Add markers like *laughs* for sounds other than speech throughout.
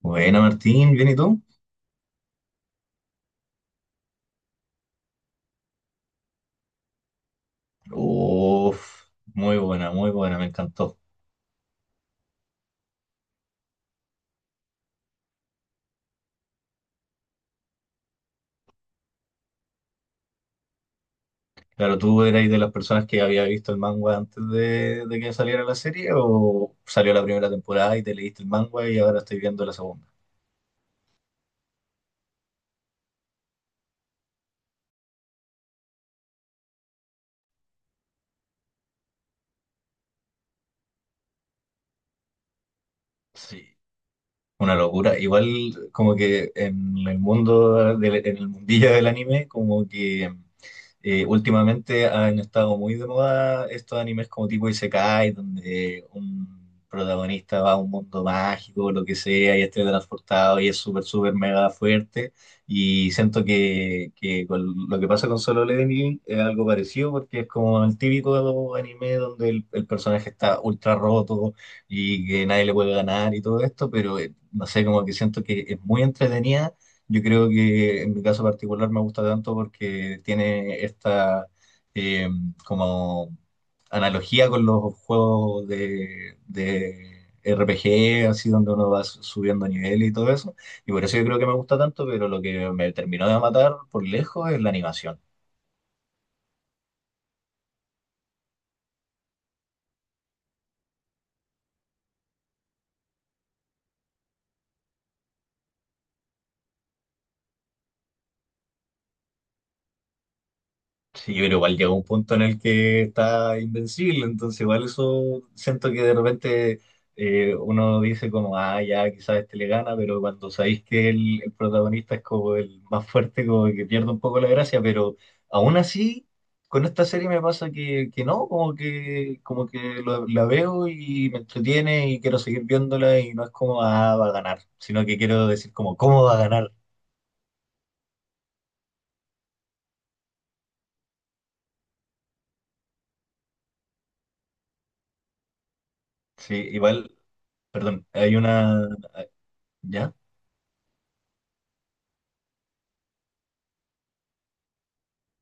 Buena, Martín, ¿bien y tú? Uf, muy buena, me encantó. Claro, ¿tú erais de las personas que había visto el manga antes de que saliera la serie o salió la primera temporada y te leíste el manga y ahora estoy viendo la segunda? Sí. Una locura. Igual como que en el mundo, en el mundillo del anime, como que últimamente han estado muy de moda estos animes como tipo Isekai, donde un protagonista va a un mundo mágico, lo que sea, y es transportado y es súper, súper mega fuerte. Y siento que con lo que pasa con Solo Leveling es algo parecido, porque es como el típico anime donde el personaje está ultra roto y que nadie le puede ganar y todo esto, pero no sé, como que siento que es muy entretenida. Yo creo que en mi caso particular me gusta tanto porque tiene esta eh, como analogía con los juegos de RPG, así donde uno va subiendo nivel y todo eso. Y por eso yo creo que me gusta tanto, pero lo que me terminó de matar por lejos es la animación. Sí, yo creo igual llega un punto en el que está invencible, entonces igual eso siento que de repente uno dice como, ah, ya quizás este le gana, pero cuando sabéis que el protagonista es como el más fuerte, como que pierde un poco la gracia, pero aún así, con esta serie me pasa que no, como que la veo y me entretiene y quiero seguir viéndola y no es como, ah, va a ganar, sino que quiero decir como, ¿cómo va a ganar? Sí, igual, perdón, hay una... ¿Ya?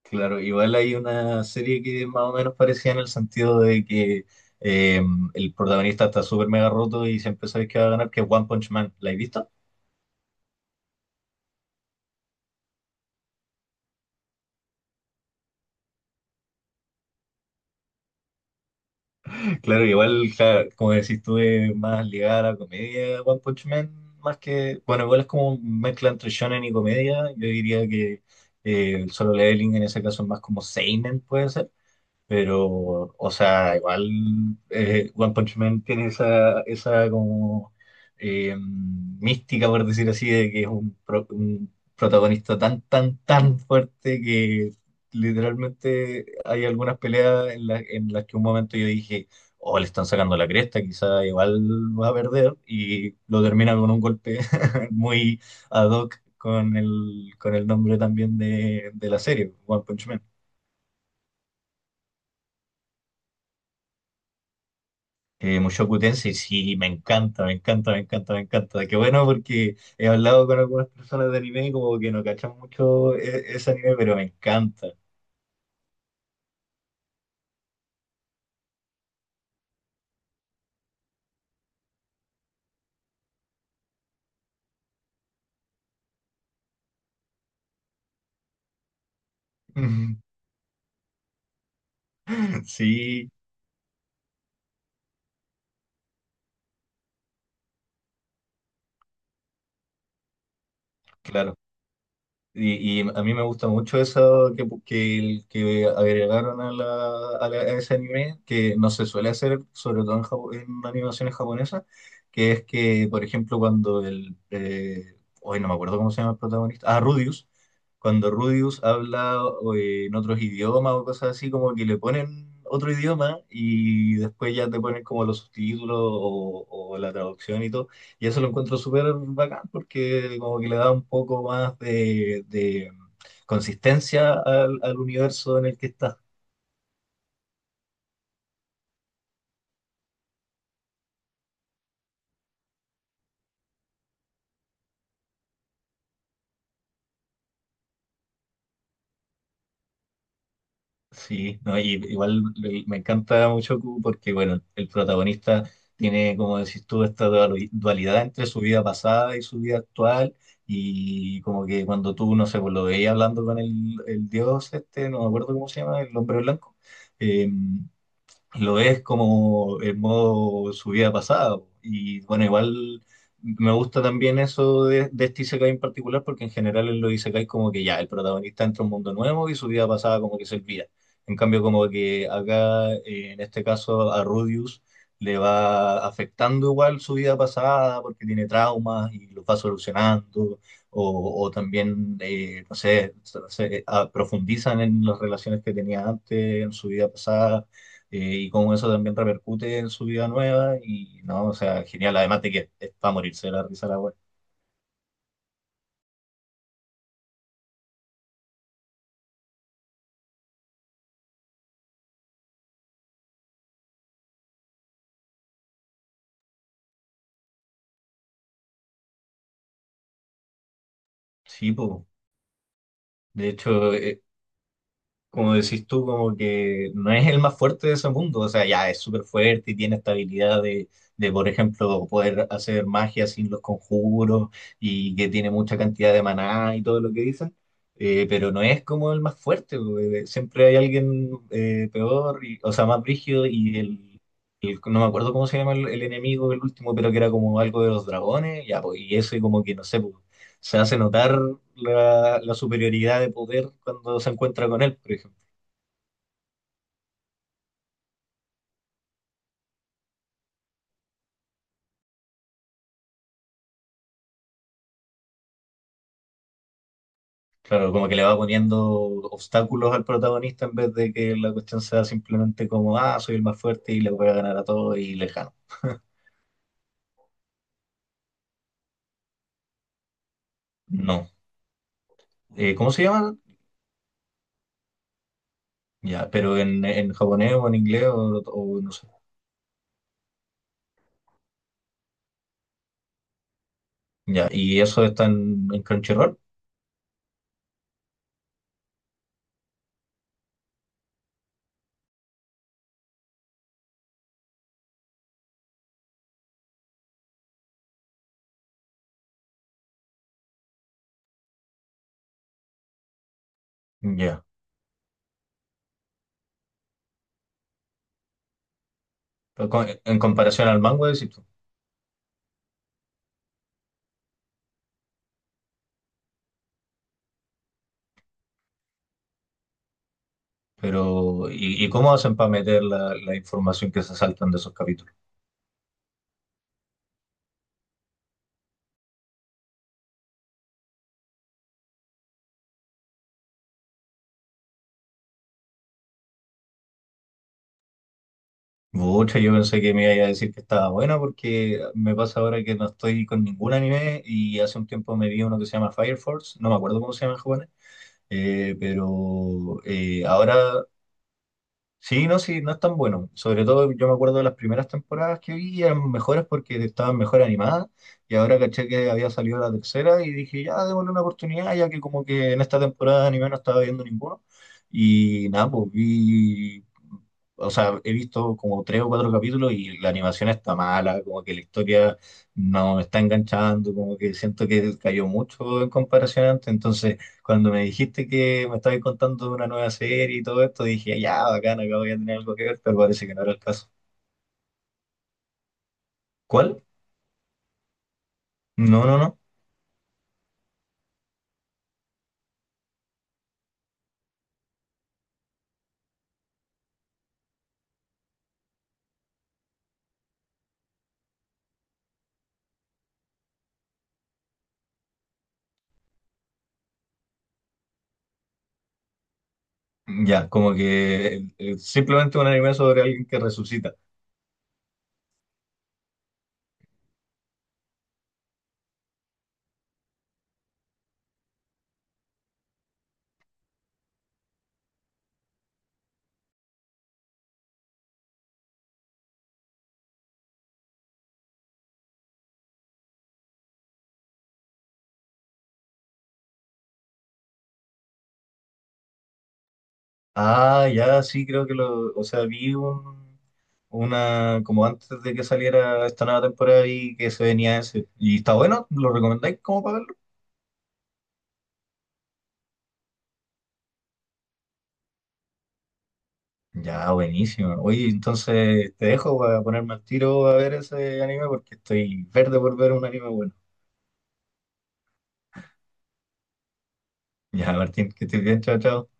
Claro, igual hay una serie que es más o menos parecía en el sentido de que eh, el protagonista está súper mega roto y siempre sabes que va a ganar, que es One Punch Man. ¿La has visto? Claro, igual, claro, como decís tú, es más ligada a la comedia One Punch Man, más que, bueno, igual es como mezcla entre shonen y comedia. Yo diría que el Solo Leveling en ese caso es más como seinen, puede ser. Pero, o sea, igual One Punch Man tiene esa, esa como mística, por decir así, de que es un, un protagonista tan, tan, tan fuerte que literalmente hay algunas peleas en, en las que un momento yo dije, oh, le están sacando la cresta, quizá igual va a perder, y lo termina con un golpe *laughs* muy ad hoc con el nombre también de la serie, One Punch Man. Mushoku Tensei, sí, me encanta, me encanta, me encanta, me encanta. Qué bueno porque he hablado con algunas personas de anime y como que no cachan mucho ese anime, pero me encanta. *laughs* Sí, claro. Y a mí me gusta mucho eso que, que agregaron a, la, a, a ese anime, que no se suele hacer, sobre todo en, en animaciones japonesas, que es que, por ejemplo, cuando el... hoy no me acuerdo cómo se llama el protagonista. Ah, Rudius. Cuando Rudius habla o, en otros idiomas o cosas así, como que le ponen otro idioma y después ya te ponen como los subtítulos o la traducción y todo. Y eso lo encuentro súper bacán porque como que le da un poco más de consistencia al, al universo en el que está. Sí, no, y igual me encanta mucho Q porque, bueno, el protagonista tiene, como decís tú, esta dualidad entre su vida pasada y su vida actual. Y como que cuando tú, no sé, pues lo veías hablando con el dios este, no me acuerdo cómo se llama, el hombre blanco. em, lo ves como en modo su vida pasada. Y bueno, igual me gusta también eso de este Isekai en particular, porque en general en los Isekai como que ya el protagonista entra a un mundo nuevo y su vida pasada como que se olvida. En cambio, como que acá, en este caso, a Rudius le va afectando igual su vida pasada porque tiene traumas y los va solucionando, o también, no sé, profundizan en las relaciones que tenía antes, en su vida pasada. Y cómo eso también repercute en su vida nueva. Y no, o sea, genial. Además de que es para morirse de la risa la web. Sí, pues. De hecho, como decís tú, como que no es el más fuerte de ese mundo. O sea, ya es súper fuerte y tiene esta habilidad de, por ejemplo, poder hacer magia sin los conjuros y que tiene mucha cantidad de maná y todo lo que dicen. Pero no es como el más fuerte, porque siempre hay alguien peor, o sea, más brígido y el, No me acuerdo cómo se llama el enemigo, el último, pero que era como algo de los dragones. Ya, pues, y eso y como que, no sé, pues, se hace notar la, la superioridad de poder cuando se encuentra con él, por ejemplo. Claro, como que le va poniendo obstáculos al protagonista en vez de que la cuestión sea simplemente como, ah, soy el más fuerte y le voy a ganar a todos y lejano. No. ¿Cómo se llama? Ya, pero en japonés o en inglés o no sé. Ya, y eso está en Crunchyroll. Ya. Pero en comparación al manga, decís tú. Pero, y cómo hacen para meter la, la información que se saltan de esos capítulos? Mucha, yo pensé que me iba a decir que estaba buena porque me pasa ahora que no estoy con ningún anime y hace un tiempo me vi uno que se llama Fire Force, no me acuerdo cómo se llama en japonés, pero ahora. Sí, no, sí, no es tan bueno. Sobre todo yo me acuerdo de las primeras temporadas que vi, eran mejores porque estaban mejor animadas y ahora caché que había salido la tercera y dije, ya, démosle una oportunidad, ya que como que en esta temporada de anime no estaba viendo ninguno. Y nada, pues vi, o sea, he visto como tres o cuatro capítulos y la animación está mala, como que la historia no me está enganchando, como que siento que cayó mucho en comparación antes, entonces... Cuando me dijiste que me estabas contando de una nueva serie y todo esto, dije, ya, bacán, acá voy a tener algo que ver, pero parece que no era el caso. ¿Cuál? No, no, no. Ya, como que simplemente un anime sobre alguien que resucita. Ah, ya, sí, creo que lo, o sea, vi un, una, como antes de que saliera esta nueva temporada y que se venía ese. ¿Y está bueno? ¿Lo recomendáis como para verlo? Ya, buenísimo. Oye, entonces te dejo para ponerme al tiro a ver ese anime porque estoy verde por ver un anime bueno. Ya, Martín, que estés bien, chao, chao.